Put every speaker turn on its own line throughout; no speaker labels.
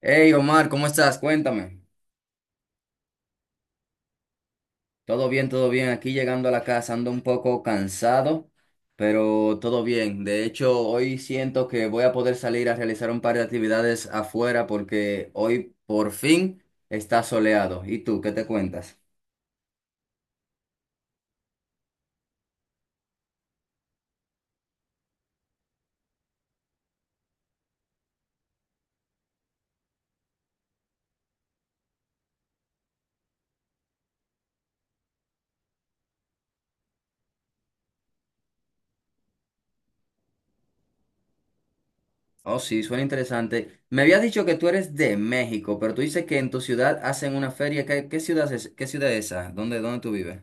Hey Omar, ¿cómo estás? Cuéntame. Todo bien, todo bien. Aquí llegando a la casa ando un poco cansado, pero todo bien. De hecho, hoy siento que voy a poder salir a realizar un par de actividades afuera porque hoy por fin está soleado. ¿Y tú, qué te cuentas? Oh, sí, suena interesante. Me habías dicho que tú eres de México, pero tú dices que en tu ciudad hacen una feria. ¿Qué ciudad es, qué ciudad es esa? ¿Dónde tú vives?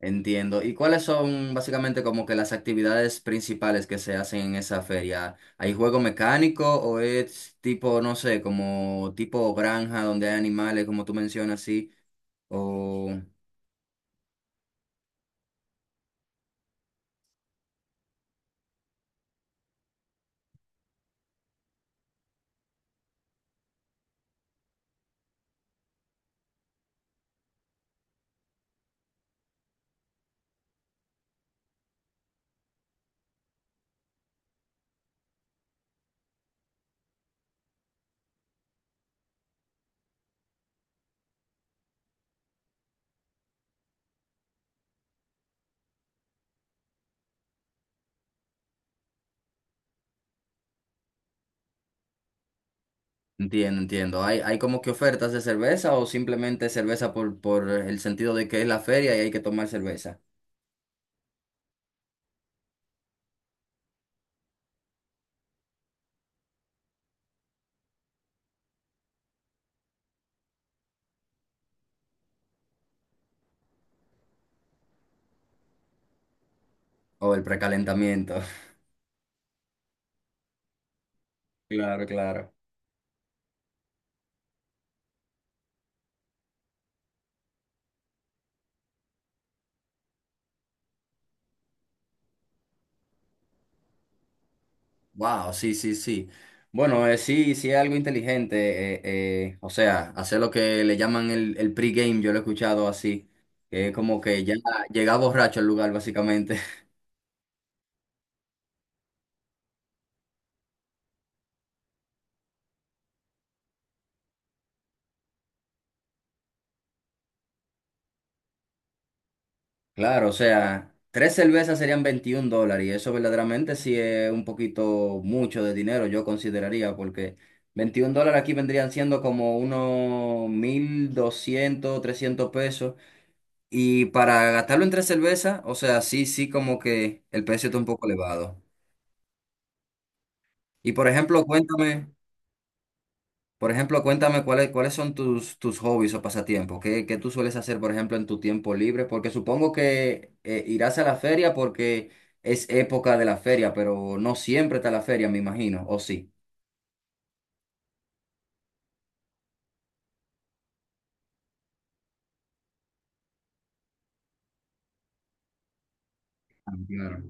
Entiendo. ¿Y cuáles son básicamente como que las actividades principales que se hacen en esa feria? ¿Hay juego mecánico o es tipo, no sé, como tipo granja donde hay animales, como tú mencionas, sí? O Entiendo, entiendo. ¿Hay como que ofertas de cerveza o simplemente cerveza por el sentido de que es la feria y hay que tomar cerveza? O el precalentamiento. Claro, claro. Wow, sí, sí, sí. Bueno, sí, sí es algo inteligente. O sea, hacer lo que le llaman el pre-game, yo lo he escuchado así. Que es como que ya llega borracho al lugar, básicamente. Claro, o sea, tres cervezas serían $21. Y eso verdaderamente sí es un poquito mucho de dinero, yo consideraría, porque $21 aquí vendrían siendo como unos 1.200, 1.300 pesos. Y para gastarlo en tres cervezas, o sea, sí, sí, como que el precio está un poco elevado. Y por ejemplo, cuéntame, por ejemplo, cuéntame cuáles son tus hobbies o pasatiempos. ¿Qué tú sueles hacer, por ejemplo, en tu tiempo libre? Porque supongo que irás a la feria porque es época de la feria, pero no siempre está la feria, me imagino, ¿o sí? Claro.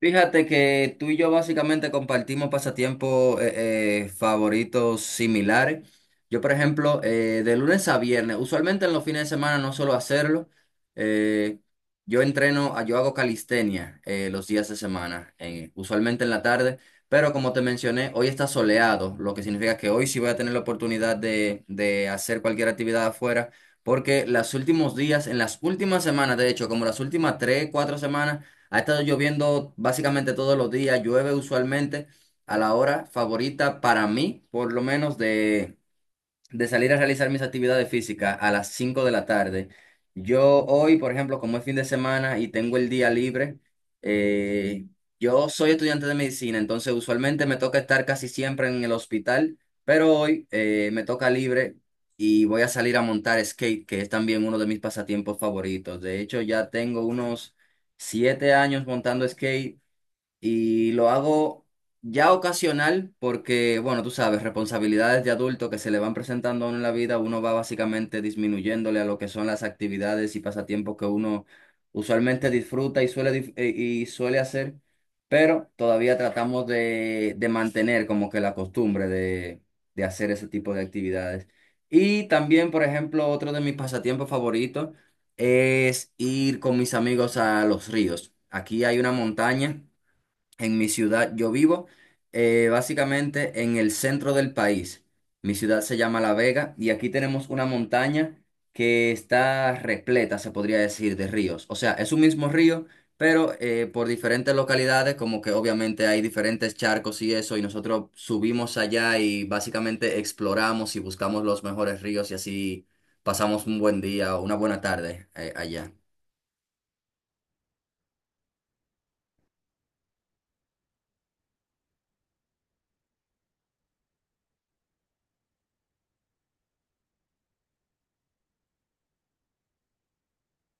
Fíjate que tú y yo básicamente compartimos pasatiempos favoritos similares. Yo, por ejemplo, de lunes a viernes, usualmente en los fines de semana no suelo hacerlo. eh, yo hago calistenia los días de semana, usualmente en la tarde, pero como te mencioné, hoy está soleado, lo que significa que hoy sí voy a tener la oportunidad de hacer cualquier actividad afuera, porque los últimos días, en las últimas semanas, de hecho, como las últimas 3, 4 semanas, ha estado lloviendo básicamente todos los días, llueve usualmente a la hora favorita para mí, por lo menos de salir a realizar mis actividades físicas a las 5 de la tarde. Yo hoy, por ejemplo, como es fin de semana y tengo el día libre, eh, yo soy estudiante de medicina, entonces usualmente me toca estar casi siempre en el hospital, pero hoy me toca libre y voy a salir a montar skate, que es también uno de mis pasatiempos favoritos. De hecho, ya tengo unos 7 años montando skate y lo hago ya ocasional porque, bueno, tú sabes, responsabilidades de adulto que se le van presentando a uno en la vida, uno va básicamente disminuyéndole a lo que son las actividades y pasatiempos que uno usualmente disfruta y suele hacer, pero todavía tratamos de mantener como que la costumbre de hacer ese tipo de actividades. Y también, por ejemplo, otro de mis pasatiempos favoritos es ir con mis amigos a los ríos. Aquí hay una montaña en mi ciudad. Yo vivo básicamente en el centro del país. Mi ciudad se llama La Vega y aquí tenemos una montaña que está repleta, se podría decir, de ríos. O sea, es un mismo río, pero por diferentes localidades, como que obviamente hay diferentes charcos y eso, y nosotros subimos allá y básicamente exploramos y buscamos los mejores ríos y así pasamos un buen día o una buena tarde allá.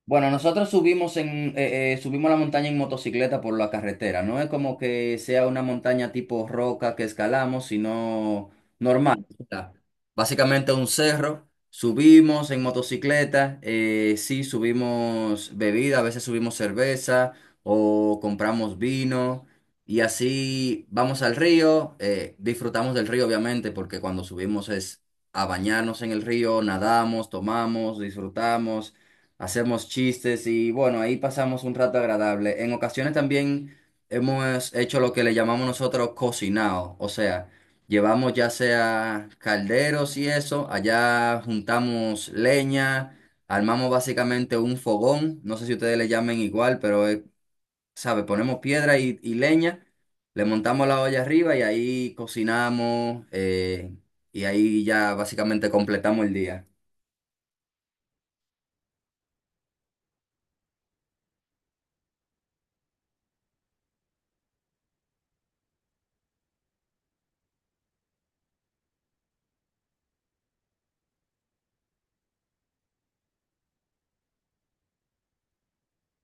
Bueno, nosotros subimos la montaña en motocicleta por la carretera. No es como que sea una montaña tipo roca que escalamos, sino normal. O sea, básicamente un cerro. Subimos en motocicleta. Sí, subimos bebida, a veces subimos cerveza o compramos vino. Y así vamos al río. Disfrutamos del río, obviamente, porque cuando subimos es a bañarnos en el río, nadamos, tomamos, disfrutamos, hacemos chistes y bueno, ahí pasamos un rato agradable. En ocasiones también hemos hecho lo que le llamamos nosotros cocinado, o sea, llevamos ya sea calderos y eso, allá juntamos leña, armamos básicamente un fogón, no sé si ustedes le llamen igual, pero sabe, ponemos piedra y leña, le montamos la olla arriba y ahí cocinamos y ahí ya básicamente completamos el día.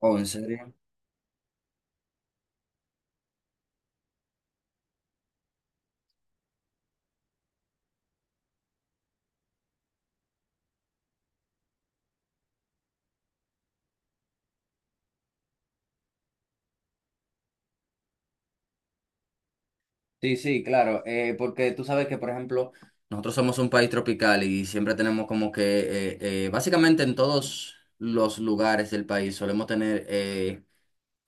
Oh, ¿en serio? Sí, sí, claro, porque tú sabes que, por ejemplo, nosotros somos un país tropical y siempre tenemos como que, básicamente en todos los lugares del país solemos tener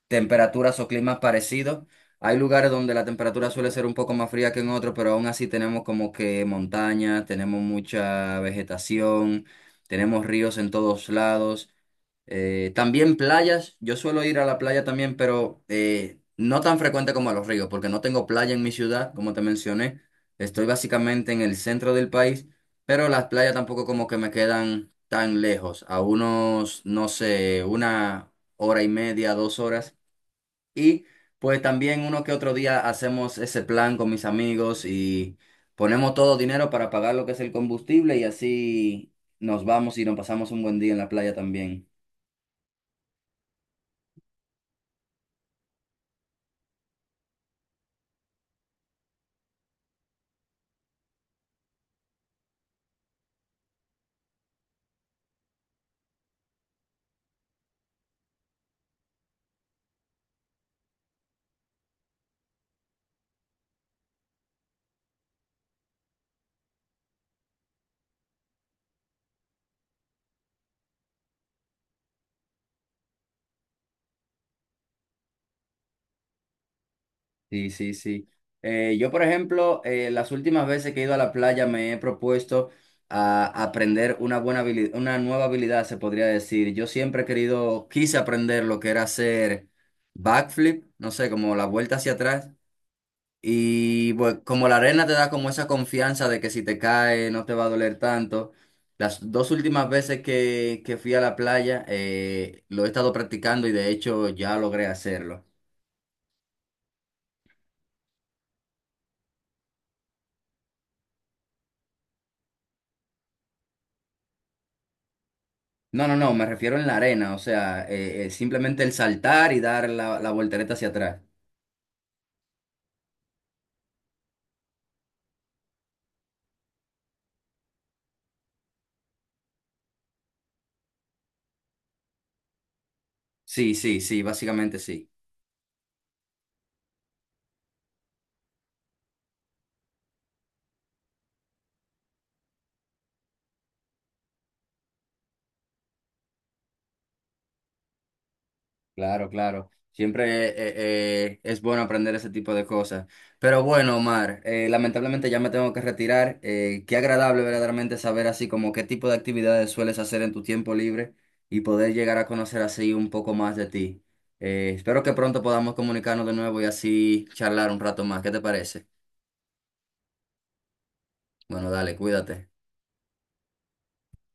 temperaturas o climas parecidos. Hay lugares donde la temperatura suele ser un poco más fría que en otros, pero aún así tenemos como que montaña, tenemos mucha vegetación, tenemos ríos en todos lados. También playas, yo suelo ir a la playa también, pero no tan frecuente como a los ríos, porque no tengo playa en mi ciudad, como te mencioné. Estoy básicamente en el centro del país, pero las playas tampoco como que me quedan tan lejos, a unos, no sé, una hora y media, 2 horas. Y pues también uno que otro día hacemos ese plan con mis amigos y ponemos todo dinero para pagar lo que es el combustible y así nos vamos y nos pasamos un buen día en la playa también. Sí, sí, sí. Yo, por ejemplo, las últimas veces que he ido a la playa me he propuesto a aprender una nueva habilidad, se podría decir. Yo siempre he querido, quise aprender lo que era hacer backflip, no sé, como la vuelta hacia atrás. Y bueno, como la arena te da como esa confianza de que si te cae no te va a doler tanto. Las dos últimas veces que fui a la playa lo he estado practicando y de hecho ya logré hacerlo. No, no, no, me refiero en la arena, o sea, simplemente el saltar y dar la voltereta hacia atrás. Sí, sí, sí, básicamente sí. Claro, claro. Siempre es bueno aprender ese tipo de cosas. Pero bueno, Omar, lamentablemente ya me tengo que retirar. Qué agradable verdaderamente saber así como qué tipo de actividades sueles hacer en tu tiempo libre y poder llegar a conocer así un poco más de ti. Espero que pronto podamos comunicarnos de nuevo y así charlar un rato más. ¿Qué te parece? Bueno, dale, cuídate.